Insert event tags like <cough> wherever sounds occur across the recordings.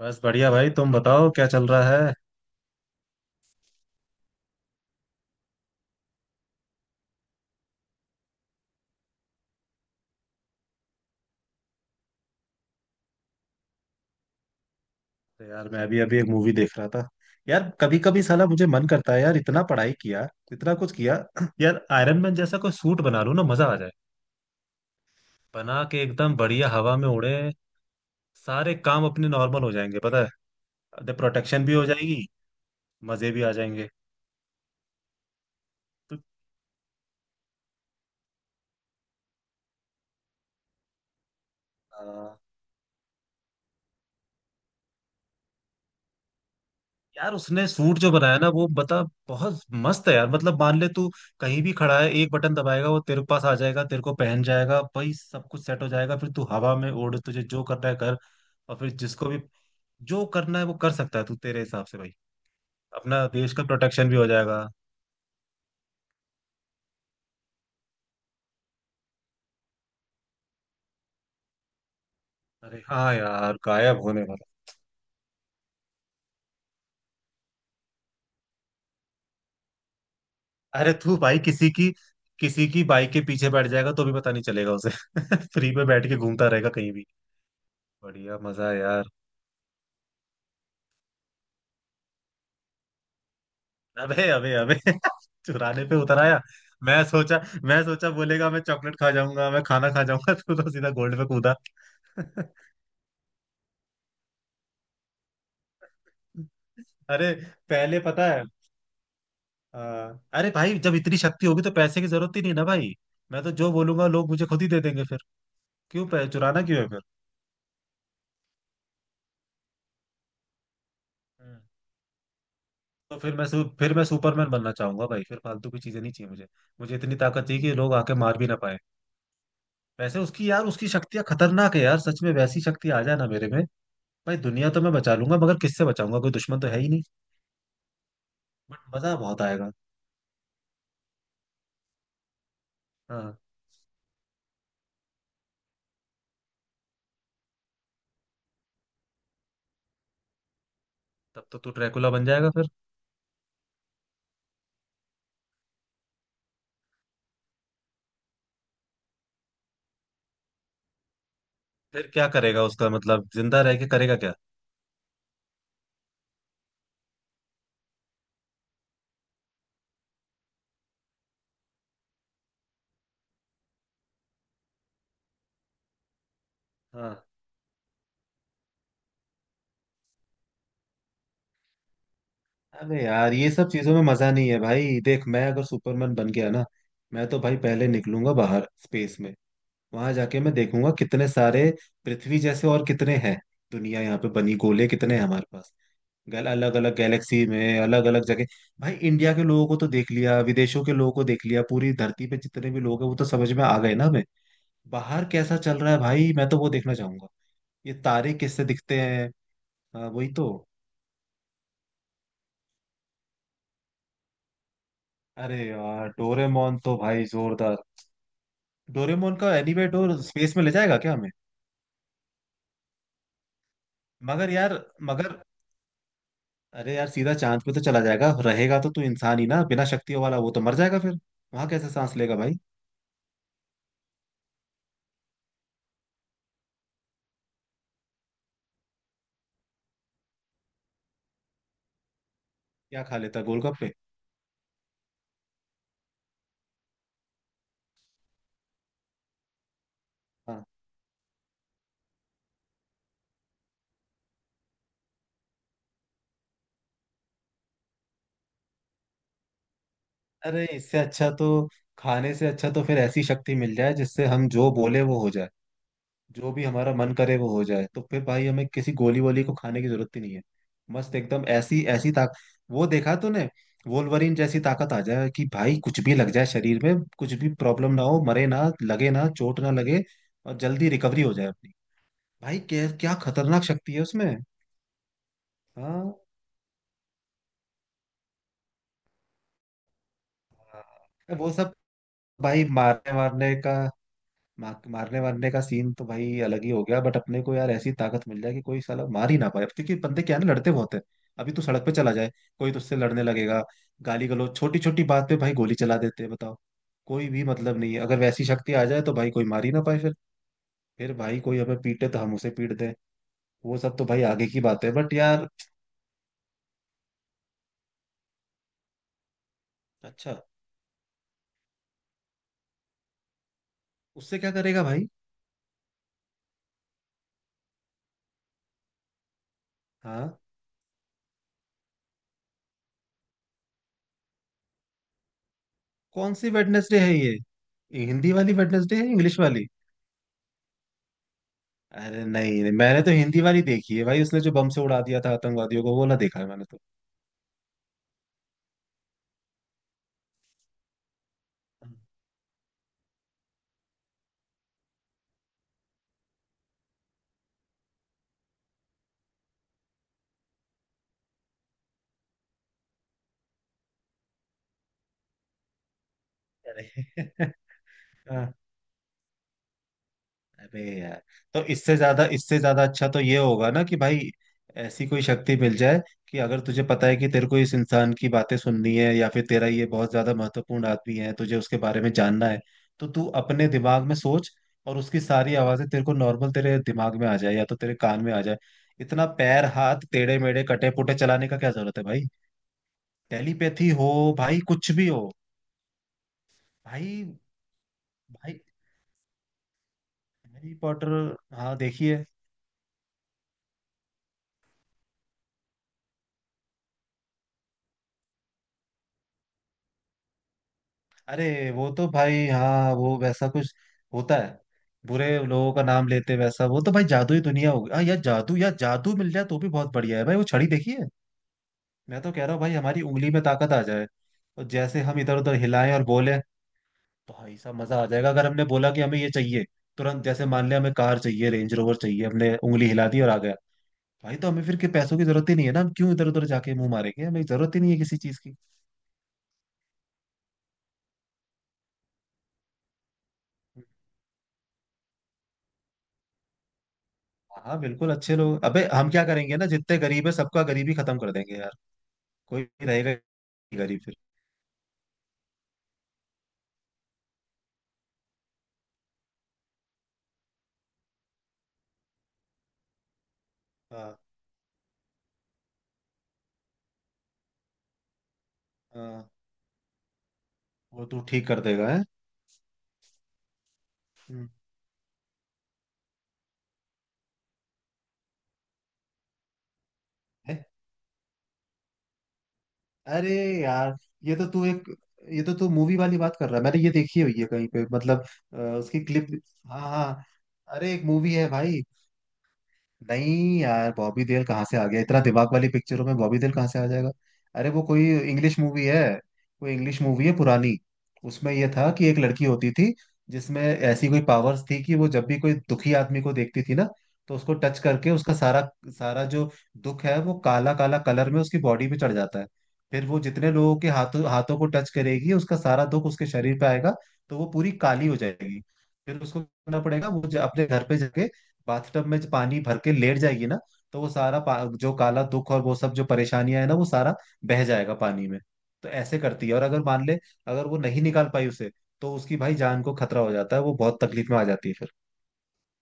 बस बढ़िया भाई। तुम बताओ क्या चल रहा है। तो यार मैं अभी अभी एक मूवी देख रहा था। यार कभी कभी साला मुझे मन करता है, यार इतना पढ़ाई किया, इतना कुछ किया। <clears throat> यार आयरन मैन जैसा कोई सूट बना लूं ना, मजा आ जाए। बना के एकदम बढ़िया हवा में उड़े। सारे काम अपने नॉर्मल हो जाएंगे, पता है। प्रोटेक्शन भी हो जाएगी। मजे भी आ जाएंगे। तो यार उसने सूट जो बनाया ना वो बता, बहुत मस्त है यार। मतलब मान ले तू कहीं भी खड़ा है, एक बटन दबाएगा, वो तेरे पास आ जाएगा, तेरे को पहन जाएगा भाई, सब कुछ सेट हो जाएगा। फिर तू हवा में उड़, तुझे जो करना है कर। और फिर जिसको भी जो करना है वो कर सकता है तू तेरे हिसाब से भाई। अपना देश का प्रोटेक्शन भी हो जाएगा। अरे हाँ यार, गायब होने वाला। अरे तू भाई किसी की बाइक के पीछे बैठ जाएगा तो भी पता नहीं चलेगा उसे। <laughs> फ्री में बैठ के घूमता रहेगा कहीं भी। बढ़िया मजा है यार। अबे अबे अबे। <laughs> चुराने पे उतर आया। मैं सोचा बोलेगा मैं चॉकलेट खा जाऊंगा, मैं खाना खा जाऊंगा। <laughs> तू तो सीधा गोल्ड पे कूदा। <laughs> अरे पहले पता है। अ, अरे भाई जब इतनी शक्ति होगी तो पैसे की जरूरत ही नहीं ना भाई। मैं तो जो बोलूंगा लोग मुझे खुद ही दे देंगे फिर। क्यों चुराना क्यों है फिर। हम्म। तो फिर मैं सुपरमैन बनना चाहूंगा भाई। फिर फालतू की चीजें नहीं चाहिए मुझे। मुझे इतनी ताकत चाहिए कि लोग आके मार भी ना पाए। वैसे उसकी यार उसकी शक्तियां खतरनाक है यार, सच में वैसी शक्ति आ जाए ना मेरे में। भाई दुनिया तो मैं बचा लूंगा मगर किससे बचाऊंगा, कोई दुश्मन तो है ही नहीं। बट मजा बहुत आएगा। हाँ। तब तो तू ड्रैकुला बन जाएगा फिर। फिर क्या करेगा उसका मतलब, जिंदा रह के करेगा क्या। हाँ। अरे यार ये सब चीजों में मजा नहीं है भाई। देख मैं अगर सुपरमैन बन गया ना, मैं तो भाई पहले निकलूंगा बाहर स्पेस में। वहां जाके मैं देखूंगा कितने सारे पृथ्वी जैसे और कितने हैं। दुनिया यहाँ पे बनी गोले कितने हैं हमारे पास। गल अलग अलग गैलेक्सी में, अलग अलग जगह। भाई इंडिया के लोगों को तो देख लिया, विदेशों के लोगों को देख लिया, पूरी धरती पे जितने भी लोग हैं वो तो समझ में आ गए ना हमें। बाहर कैसा चल रहा है भाई, मैं तो वो देखना चाहूंगा। ये तारे किससे दिखते हैं। हाँ, वही तो। अरे यार डोरेमोन तो भाई जोरदार। डोरेमोन का एनीवे डोर स्पेस में ले जाएगा क्या हमें। मगर यार, मगर अरे यार सीधा चांद पे तो चला जाएगा, रहेगा तो तू इंसान ही ना बिना शक्तियों वाला, वो तो मर जाएगा फिर। वहां कैसे सांस लेगा भाई। क्या खा लेता, गोलगप्पे। हाँ। अरे इससे अच्छा तो, खाने से अच्छा तो फिर ऐसी शक्ति मिल जाए जिससे हम जो बोले वो हो जाए। जो भी हमारा मन करे वो हो जाए, तो फिर भाई हमें किसी गोली वोली को खाने की जरूरत ही नहीं है। मस्त एकदम ऐसी ऐसी ताक। वो देखा तूने, वोल्वरिन जैसी ताकत आ जाए कि भाई कुछ भी लग जाए शरीर में, कुछ भी प्रॉब्लम ना हो, मरे ना, लगे ना, चोट ना लगे। और जल्दी रिकवरी हो जाए अपनी। भाई क्या क्या खतरनाक शक्ति है उसमें। हाँ। हाँ। वो सब भाई मारने मारने का मार, मारने वारने का सीन तो भाई अलग ही हो गया, बट अपने को यार ऐसी ताकत मिल जाए कि कोई साला मार ही ना पाए, क्योंकि बंदे क्या है ना, लड़ते बहुत है। अभी तू सड़क पे चला जाए, कोई तुझसे लड़ने लगेगा। गाली गलौज, छोटी छोटी बात पे भाई गोली चला देते हैं बताओ। कोई भी मतलब नहीं है, अगर वैसी शक्ति आ जाए तो भाई कोई मार ही ना पाए फिर। फिर भाई कोई हमें पीटे तो हम उसे पीट दें। वो सब तो भाई आगे की बात है बट यार। अच्छा, उससे क्या करेगा भाई। हाँ, कौन सी वेडनेसडे है ये हिंदी वाली वेडनेसडे है, इंग्लिश वाली। अरे नहीं नहीं, मैंने तो हिंदी वाली देखी है भाई, उसने जो बम से उड़ा दिया था आतंकवादियों को, वो ना देखा है मैंने तो। अरे। <laughs> हाँ, अरे यार तो इससे ज्यादा अच्छा तो ये होगा ना कि भाई ऐसी कोई शक्ति मिल जाए कि अगर तुझे पता है कि तेरे को इस इंसान की बातें सुननी है, या फिर तेरा ये बहुत ज्यादा महत्वपूर्ण आदमी है, तुझे उसके बारे में जानना है, तो तू अपने दिमाग में सोच और उसकी सारी आवाजें तेरे को नॉर्मल तेरे दिमाग में आ जाए या तो तेरे कान में आ जाए। इतना पैर हाथ टेढ़े मेढ़े कटे पुटे चलाने का क्या जरूरत है भाई। टेलीपैथी हो। भाई कुछ भी हो। भाई। भाई हैरी पॉटर। हाँ देखिए। अरे वो तो भाई, हाँ वो वैसा कुछ होता है, बुरे लोगों का नाम लेते वैसा, वो तो भाई जादू ही दुनिया होगी। हाँ यार जादू, यार जादू मिल जाए तो भी बहुत बढ़िया है भाई, वो छड़ी देखिए। मैं तो कह रहा हूँ भाई हमारी उंगली में ताकत आ जाए, और जैसे हम इधर उधर हिलाएं और बोले, भाई साहब मजा आ जाएगा। अगर हमने बोला कि हमें ये चाहिए, तुरंत, जैसे मान लिया हमें कार चाहिए, रेंज रोवर चाहिए, हमने उंगली हिला दी और आ गया। भाई तो हमें फिर के पैसों की जरूरत ही नहीं है ना, हम क्यों इधर उधर जाके मुंह मारेंगे, हमें जरूरत ही नहीं है किसी चीज की। हाँ बिल्कुल अच्छे लोग। अबे हम क्या करेंगे ना, जितने गरीब है सबका गरीबी खत्म कर देंगे यार। कोई रहेगा ही गरीब फिर। हाँ। हाँ वो तू ठीक कर देगा है। हम्म। है? अरे यार, ये तो तू एक ये तो तू मूवी वाली बात कर रहा है, मैंने ये देखी हुई है कहीं पे, मतलब। उसकी क्लिप। हाँ हाँ। अरे एक मूवी है भाई। नहीं यार बॉबी देओल कहाँ से आ गया, इतना दिमाग वाली पिक्चरों में बॉबी देओल कहाँ से आ जाएगा। अरे वो कोई इंग्लिश मूवी है, कोई इंग्लिश मूवी है पुरानी। उसमें ये था कि एक लड़की होती थी जिसमें ऐसी कोई पावर्स थी कि वो जब भी कोई दुखी आदमी को देखती थी ना, तो उसको टच करके उसका सारा सारा जो दुख है वो काला काला कलर में उसकी बॉडी पे चढ़ जाता है। फिर वो जितने लोगों के हाथों हाथों को टच करेगी उसका सारा दुख उसके शरीर पे आएगा। तो वो पूरी काली हो जाएगी। फिर उसको करना पड़ेगा, वो अपने घर पे जाके बाथटब में जो पानी भर के लेट जाएगी ना, तो वो जो काला दुख और वो सब जो परेशानियां है ना, वो सारा बह जाएगा पानी में। तो ऐसे करती है। और अगर मान ले, अगर वो नहीं निकाल पाई उसे, तो उसकी भाई जान को खतरा हो जाता है, वो बहुत तकलीफ में आ जाती है फिर।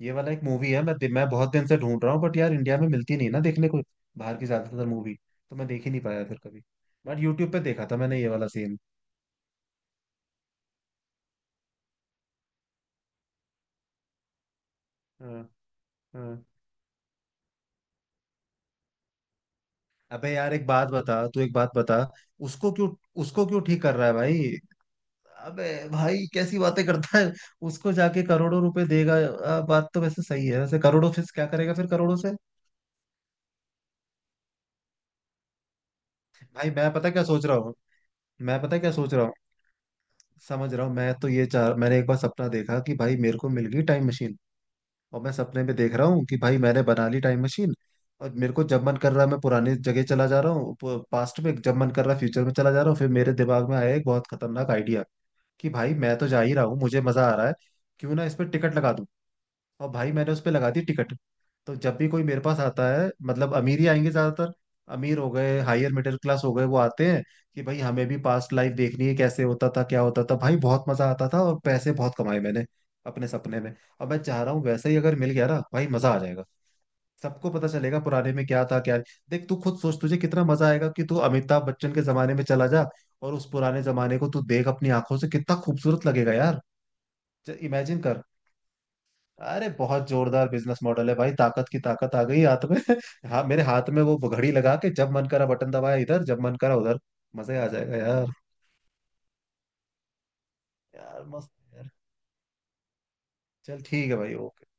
ये वाला एक मूवी है, मैं बहुत दिन से ढूंढ रहा हूँ बट यार इंडिया में मिलती नहीं ना देखने को। बाहर की ज्यादातर मूवी तो मैं देख ही नहीं पाया फिर कभी। बट यूट्यूब पे देखा था मैंने ये वाला सीन। हाँ हाँ। अबे यार एक बात बता, तू एक बात बता। उसको क्यों, उसको क्यों ठीक कर रहा है भाई। अबे भाई कैसी बातें करता है, उसको जाके करोड़ों रुपए देगा। बात तो वैसे सही है, वैसे करोड़ों से क्या करेगा फिर करोड़ों से। भाई मैं पता क्या सोच रहा हूँ, समझ रहा हूँ मैं तो, ये चाह मैंने एक बार सपना देखा कि भाई मेरे को मिल गई टाइम मशीन। और मैं सपने में देख रहा हूँ कि भाई मैंने बना ली टाइम मशीन। और मेरे को जब मन कर रहा है मैं पुरानी जगह चला जा रहा हूँ, पास्ट में। जब मन कर रहा है फ्यूचर में चला जा रहा हूँ। फिर मेरे दिमाग में आया एक बहुत खतरनाक आइडिया, कि भाई मैं तो जा ही रहा हूँ, मुझे मजा आ रहा है, क्यों ना इस पर टिकट लगा दूं। और भाई मैंने उस पर लगा दी टिकट। तो जब भी कोई मेरे पास आता है, मतलब अमीर ही आएंगे ज्यादातर, अमीर हो गए, हायर मिडिल क्लास हो गए, वो आते हैं कि भाई हमें भी पास्ट लाइफ देखनी है, कैसे होता था क्या होता था, भाई बहुत मजा आता था और पैसे बहुत कमाए मैंने अपने सपने में। अब मैं चाह रहा हूँ वैसे ही अगर मिल गया ना भाई मजा आ जाएगा। सबको पता चलेगा पुराने में क्या था क्या। देख तू खुद सोच तुझे कितना मजा आएगा कि तू अमिताभ बच्चन के जमाने में चला जा, और उस पुराने जमाने को तू देख अपनी आंखों से, कितना खूबसूरत लगेगा यार। इमेजिन कर। अरे बहुत जोरदार बिजनेस मॉडल है भाई, ताकत की ताकत आ गई हाथ में। <laughs> हाँ, मेरे हाथ में वो घड़ी लगा के, जब मन करा बटन दबाया इधर, जब मन करा उधर। मजे आ जाएगा यार। यार मस्त है यार। चल ठीक है भाई, ओके।